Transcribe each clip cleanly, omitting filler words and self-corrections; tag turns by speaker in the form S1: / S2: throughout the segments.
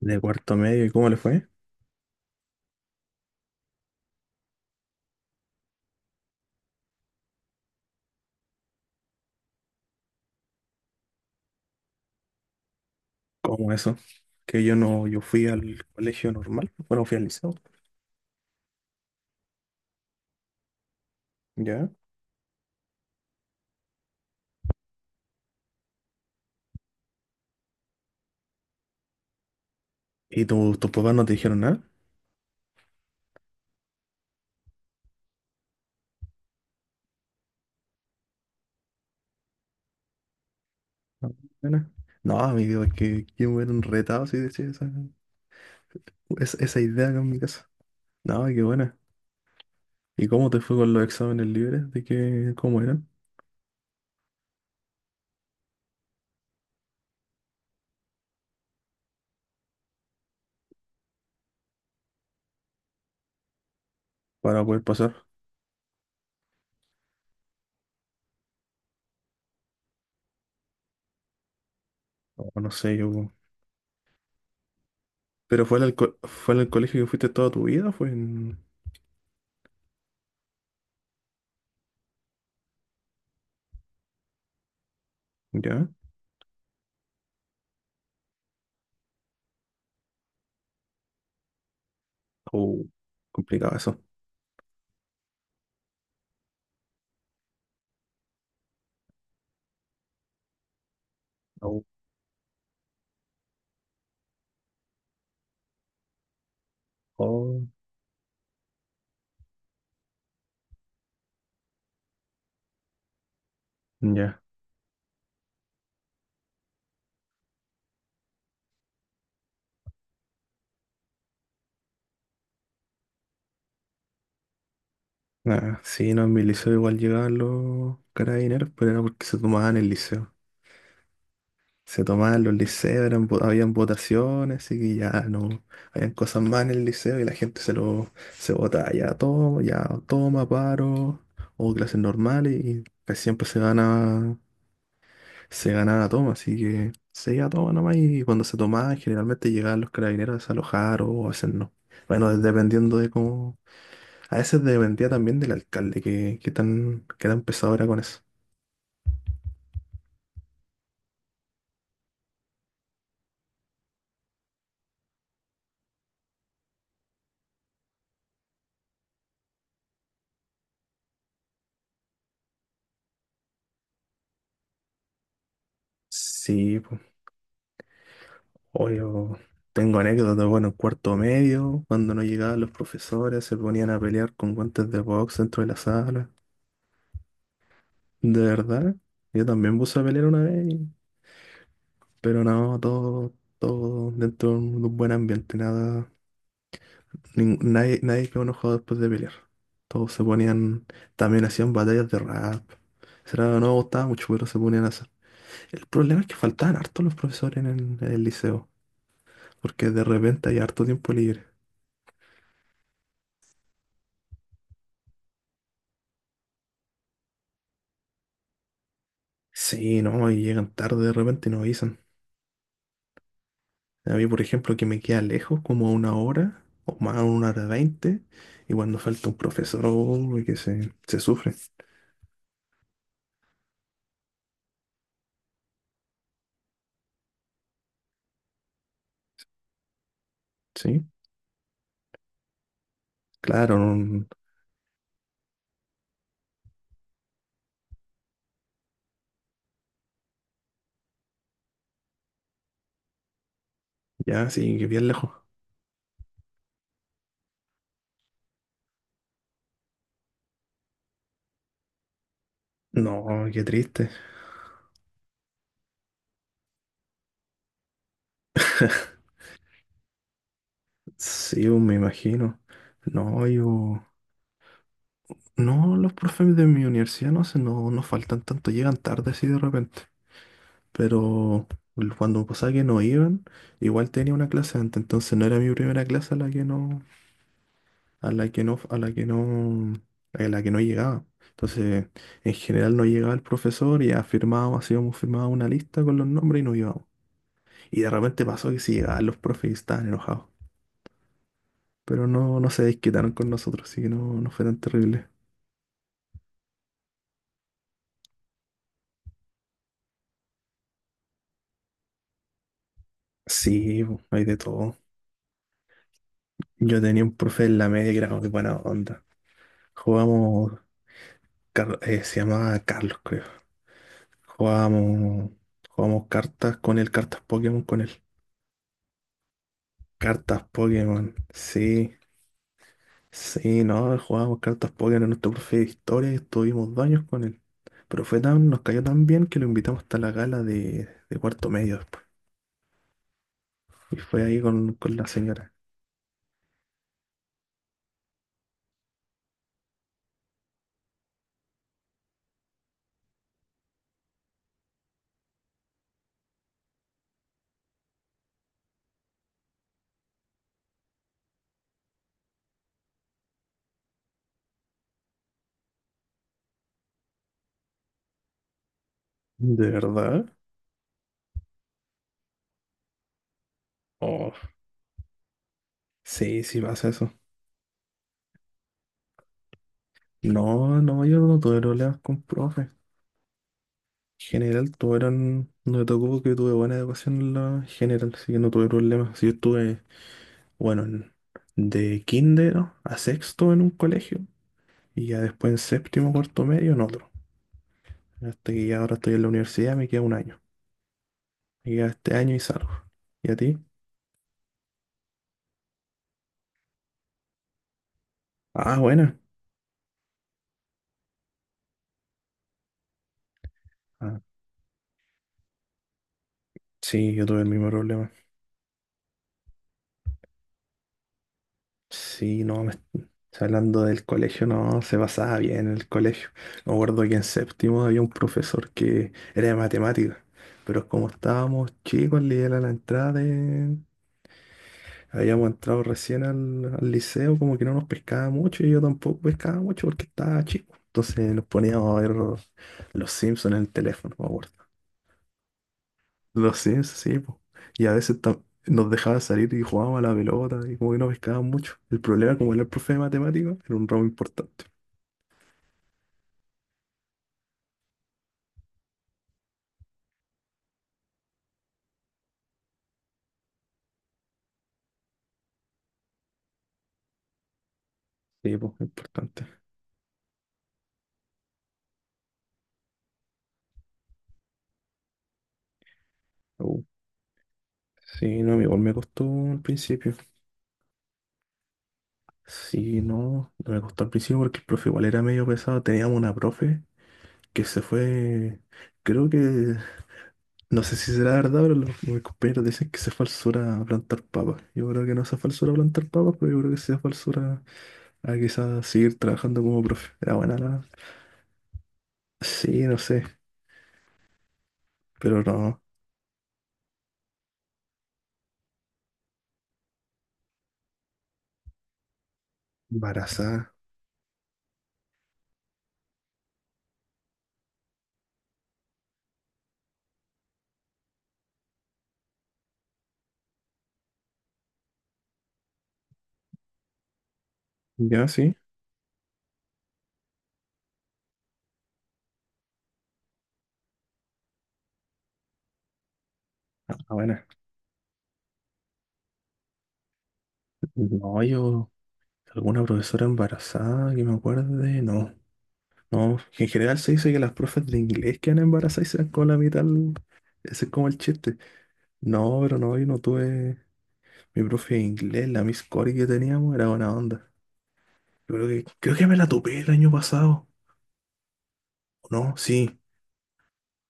S1: De cuarto medio. ¿Y cómo le fue? ¿Cómo eso? Que yo no, yo fui al colegio normal, bueno, fui al liceo. ¿Ya? ¿Y tus papás no te dijeron nada? No, nada. No, amigo, es que me hubieran retado si decía esa, esa idea acá en mi casa. No, qué buena. ¿Y cómo te fue con los exámenes libres? ¿De qué, cómo eran? Para poder pasar. No, no sé, yo. ¿Pero fue en el, fue en el colegio que fuiste toda tu vida? ¿Fue en... ¿Ya? Oh, complicado eso. Oh, oh. Ya. Ah, sí, no, en mi liceo igual llegaban los carabineros, pero era porque se tomaban el liceo. Se tomaban los liceos, eran, habían votaciones, y que ya no, habían cosas más en el liceo y la gente se lo, se votaba, ya toma, paro, o clases normales, y casi siempre se gana, se ganaba toma, así que se iba a toma nomás, y cuando se tomaban generalmente llegaban los carabineros a desalojar o a hacer no. Bueno, dependiendo de cómo a veces dependía también del alcalde, que tan pesado era con eso. Sí, pues, o yo tengo anécdotas, bueno, en cuarto medio, cuando no llegaban los profesores, se ponían a pelear con guantes de box dentro de la sala. De verdad, yo también puse a pelear una vez, pero no, todo dentro de un buen ambiente, nada, nin- nadie, nadie quedó enojado después de pelear. Todos se ponían, también hacían batallas de rap. Será, no me gustaba mucho, pero se ponían a. El problema es que faltaban harto los profesores en el liceo, porque de repente hay harto tiempo libre. Sí, no, y llegan tarde de repente y nos avisan. A mí, por ejemplo, que me queda lejos como a una hora o más una hora veinte, y cuando falta un profesor, uy, se sufre, ¿sí? Claro, no, ya, sí, que bien lejos. No, qué triste. Sí, oh, me imagino. No, yo... No, los profes de mi universidad no, no, no faltan tanto, llegan tarde así de repente, pero cuando pasaba que no iban, igual tenía una clase antes, entonces no era mi primera clase a la que no, a la que no, a la que no, a la que no llegaba. Entonces, en general no llegaba el profesor y afirmábamos, hacíamos firmaba una lista con los nombres y no íbamos. Y de repente pasó que sí llegaban los profes y estaban enojados. Pero no, no se desquitaron con nosotros, así que no, no fue tan terrible. Sí, po, hay de todo. Yo tenía un profe en la media que era muy buena onda. Jugamos, se llamaba Carlos, creo. Jugamos, jugamos cartas con él, cartas Pokémon con él. Cartas Pokémon, sí, sí, no, jugábamos cartas Pokémon en nuestro profe de historia y estuvimos dos años con él. Pero fue tan, nos cayó tan bien que lo invitamos hasta la gala de cuarto medio después. Y fue ahí con la señora. ¿De verdad? Oh, sí, sí pasa eso. No, no, yo no tuve problemas con profe. En general tuvieron, no me tocó porque tuve buena educación en la general, así que no tuve problemas. Si yo estuve bueno, de kinder a sexto en un colegio y ya después en séptimo, cuarto medio en otro. Hasta que ya ahora estoy en la universidad, me queda un año. Me queda este año y salgo. ¿Y a ti? Ah, bueno. Ah, sí, yo tuve el mismo problema. Sí, no, me hablando del colegio, no, se pasaba bien en el colegio. Me acuerdo que en séptimo había un profesor que era de matemáticas, pero como estábamos chicos, le era la entrada de. Habíamos entrado recién al liceo, como que no nos pescaba mucho y yo tampoco pescaba mucho porque estaba chico. Entonces nos poníamos a ver Los Simpsons en el teléfono, me acuerdo. Los Sims sí, po. Y a veces nos dejaba salir y jugábamos a la pelota y como que no pescaban mucho. El problema, como era el profe de matemáticas, era un ramo importante. Sí, pues, importante. Uh, sí, no, igual me costó al principio. Sí, no, no me costó al principio porque el profe igual era medio pesado. Teníamos una profe que se fue, creo que, no sé si será verdad, pero los, mis compañeros dicen que se falsura plantar papas. Yo creo que no sea falsura plantar papas, pero yo creo que sea falsura a quizás seguir trabajando como profe. Era buena la... Sí, no sé, pero no. Embarazada. Ya, sí. Ah, bueno. No, yo... ¿Alguna profesora embarazada que me acuerde? No. No, en general se dice que las profes de inglés quedan embarazadas y se dan con la mitad. Al. Ese es como el chiste. No, pero no, yo no tuve... Mi profe de inglés, la Miss Cory que teníamos, era buena onda. Yo creo que me la topé el año pasado, ¿o no? Sí.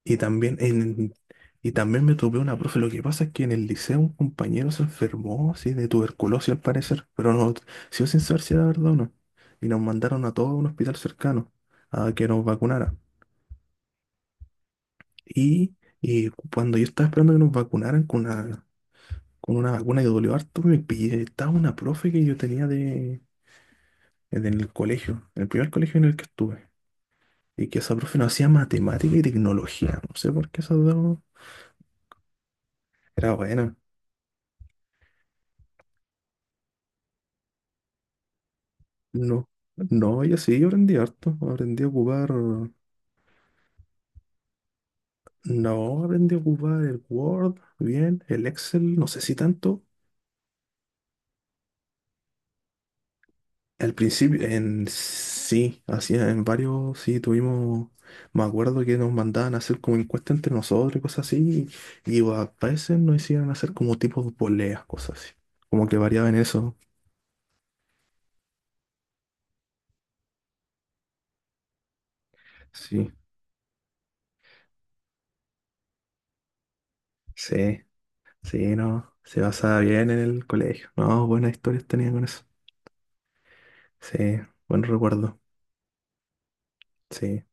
S1: Y también, en, y también me topé una profe. Lo que pasa es que en el liceo un compañero se enfermó, sí, de tuberculosis al parecer. Pero no, sigo sin saber si era verdad o no. Y nos mandaron a todos a un hospital cercano a que nos vacunara. Y, y cuando yo estaba esperando que nos vacunaran con una vacuna que dolió harto, me pillé. Estaba una profe que yo tenía de, en el colegio, en el primer colegio en el que estuve. Y que esa profe no hacía matemática y tecnología. No sé por qué esa dos era buena. No, no, yo sí, yo aprendí harto. Aprendí a ocupar. No, aprendí a ocupar el Word, bien, el Excel, no sé si tanto. Al principio, en sí, hacía en varios, sí, tuvimos. Me acuerdo que nos mandaban a hacer como encuestas entre nosotros y cosas así. Y a veces nos hicieron hacer como tipos de poleas, cosas así. Como que variaban eso. Sí, sí. Sí, no, se basaba bien en el colegio. No, buenas historias tenía con eso. Sí, buen recuerdo. Sí.